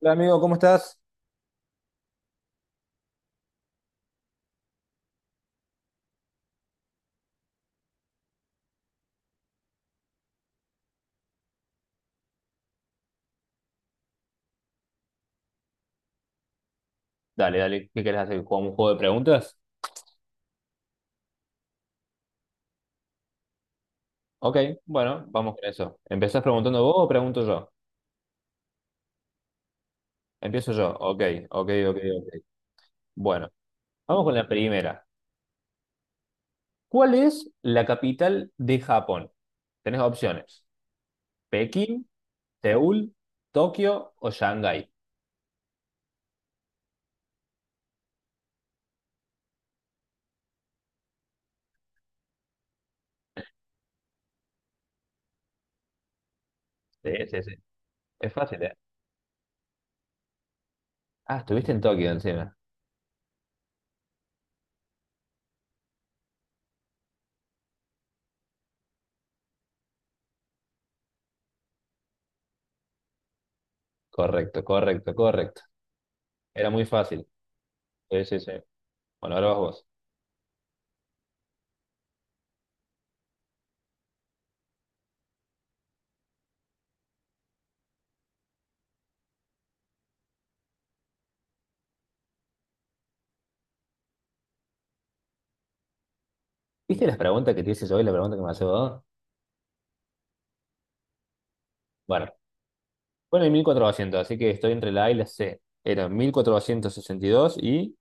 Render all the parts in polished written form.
Hola amigo, ¿cómo estás? Dale, dale, ¿qué querés hacer? ¿Jugamos un juego de preguntas? Ok, bueno, vamos con eso. ¿Empezás preguntando vos o pregunto yo? Empiezo yo. Ok, ok, ok, ok. Bueno, vamos con la primera. ¿Cuál es la capital de Japón? Tenés opciones. ¿Pekín, Seúl, Tokio o Shanghái? Sí, sí, sí. Es fácil, ¿eh? Ah, estuviste en Tokio encima. Correcto, correcto, correcto. Era muy fácil. Sí, sí, sí. Bueno, ahora vas vos. ¿Viste las preguntas que te hice yo y la pregunta que me hace vos? Bueno. Bueno, y 1400, así que estoy entre la A y la C. Eran 1462 y dos y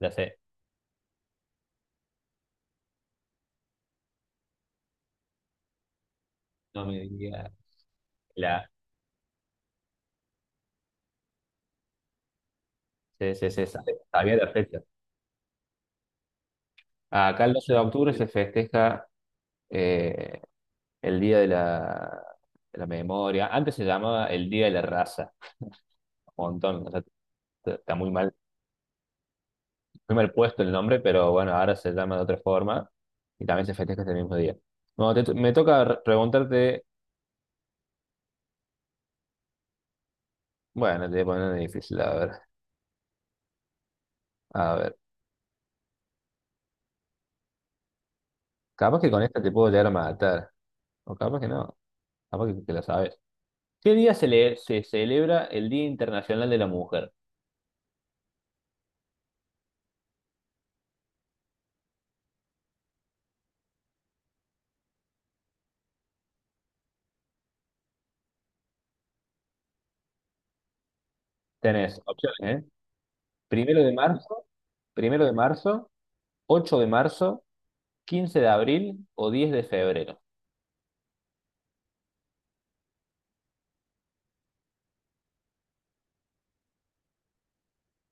la C. No me diga la C, C, C, sabía la fecha. Acá el 12 de octubre se festeja eh, el Día de la Memoria. Antes se llamaba el Día de la Raza, un montón. O sea, está muy mal puesto el nombre, pero bueno, ahora se llama de otra forma y también se festeja este mismo día. Bueno, me toca preguntarte, bueno, te voy a poner una difícil, a ver, a ver. Capaz que con esta te puedo llegar a matar. O capaz que no, capaz que la sabes. ¿Qué día se celebra el Día Internacional de la Mujer? Tenés opciones, ¿eh? Primero de marzo, primero de marzo, 8 de marzo, 15 de abril o 10 de febrero.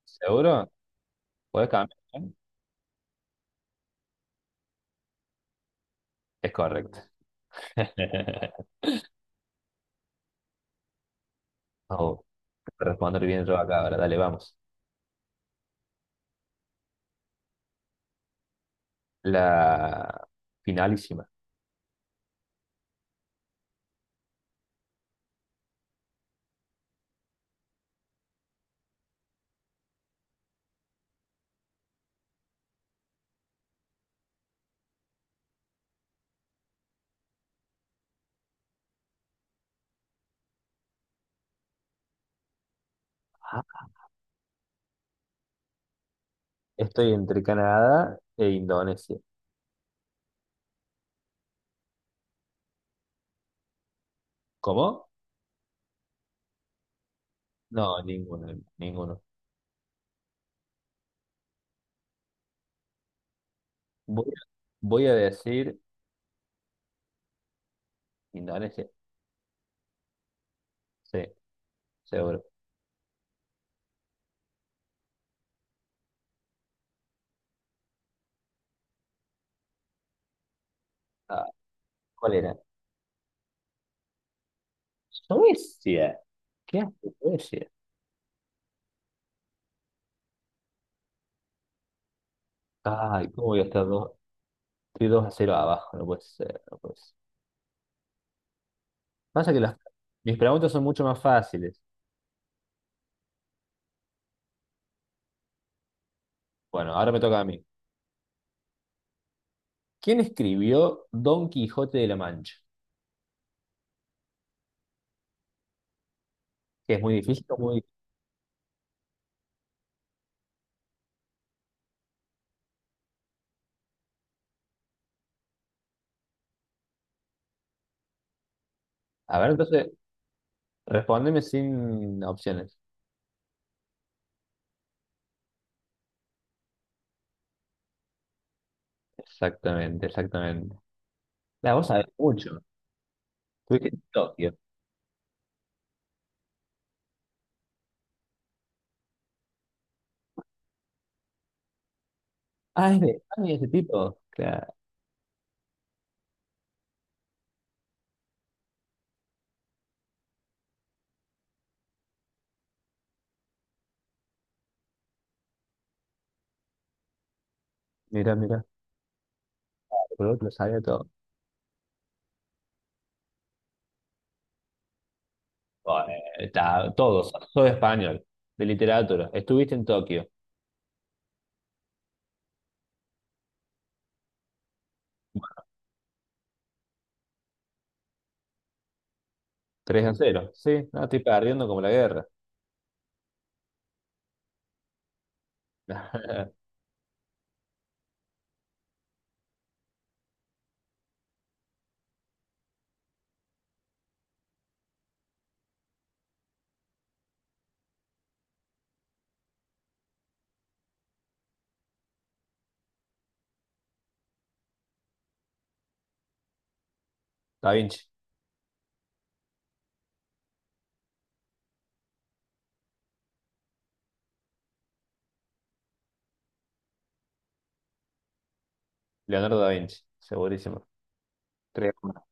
¿Seguro? ¿Puedes cambiar? ¿Eh? Es correcto. Oh, responder bien yo acá ahora, dale, vamos. La finalísima. Ah, estoy entre Canadá e Indonesia. ¿Cómo? No, ninguno, ninguno. Voy, voy a decir Indonesia. Sí, seguro. Ah, ¿cuál era? Suecia. ¿Qué hace Suecia? Ay, ¿cómo voy a estar dos, estoy 2 a cero abajo? No puede ser, no puede ser. Pasa que mis preguntas son mucho más fáciles. Bueno, ahora me toca a mí. ¿Quién escribió Don Quijote de la Mancha? Que es muy difícil. A ver, entonces, respóndeme sin opciones. Exactamente, exactamente. La vos sabés mucho. Estuviste en Tokio. Ah, mira, ese tipo. Claro, mira, mira. Por otro lo sabía todo. Bueno, está, todo, sos español, de literatura. Estuviste en Tokio, 3-0. Sí, no, estoy perdiendo como la guerra. Da Vinci, Leonardo da Vinci, segurísimo. 3-1.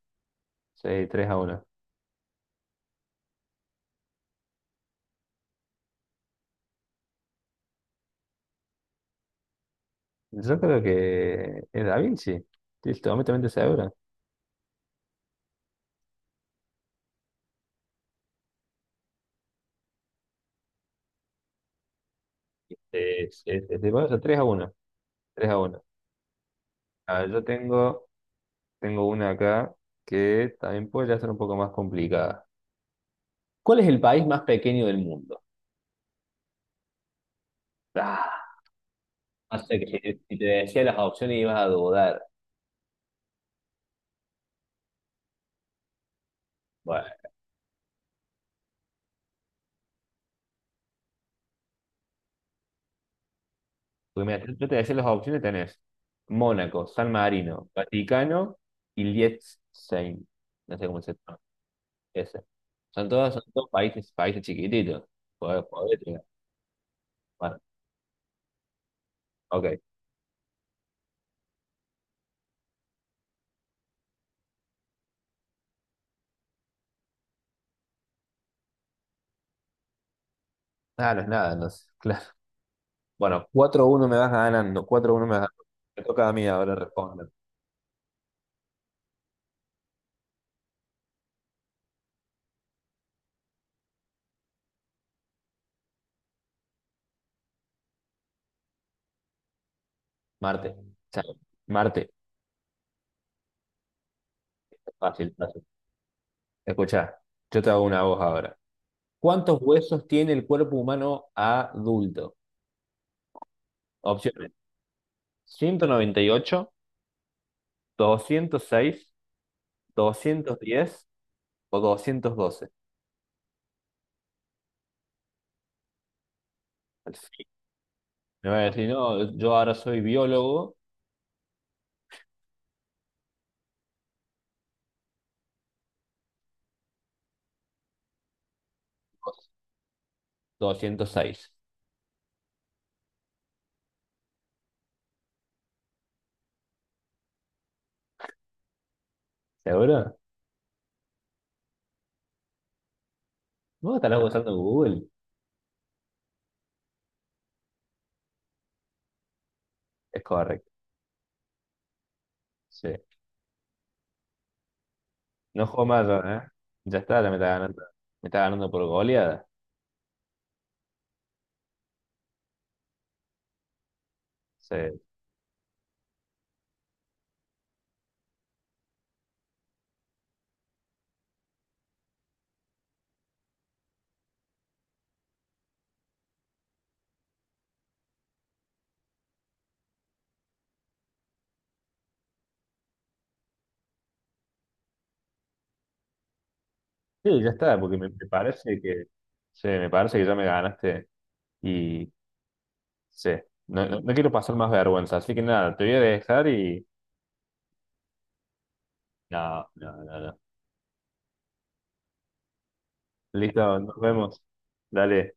Sí, 3-1. Yo creo que es Da Vinci, estoy completamente seguro. Es de Barça, 3 a uno, 3-1. A ver, yo tengo una acá que también puede ya ser un poco más complicada. ¿Cuál es el país más pequeño del mundo? Ah, no sé, que si te decía las opciones ibas a dudar. Bueno, porque mira, yo te decía las opciones, tenés Mónaco, San Marino, Vaticano y Liechtenstein. No sé cómo se llama. Ese. Son todos países chiquititos. Podés llegar. Bueno, ok. Ah, no es nada, entonces. Claro. Bueno, 4-1 me vas ganando. 4 uno me vas ganando. Me toca a mí ahora responder. Marte. Chao. Marte. Fácil, fácil. Escuchá, yo te hago una voz ahora. ¿Cuántos huesos tiene el cuerpo humano adulto? Opciones. ¿198, 206, 210 o 212? Sí. Me va a decir, no, yo ahora soy biólogo. 206. ¿Seguro? ¿Vos estarás usando Google? Es correcto, sí. No juego más yo, ¿eh? Ya está, ya me está ganando. Me está ganando por goleada. Sí, sí, ya está, porque me parece que... Sí, me parece que ya me ganaste y... Sí, no, no, no quiero pasar más vergüenza, así que nada, te voy a dejar y... No, no, no, no. Listo, nos vemos. Dale.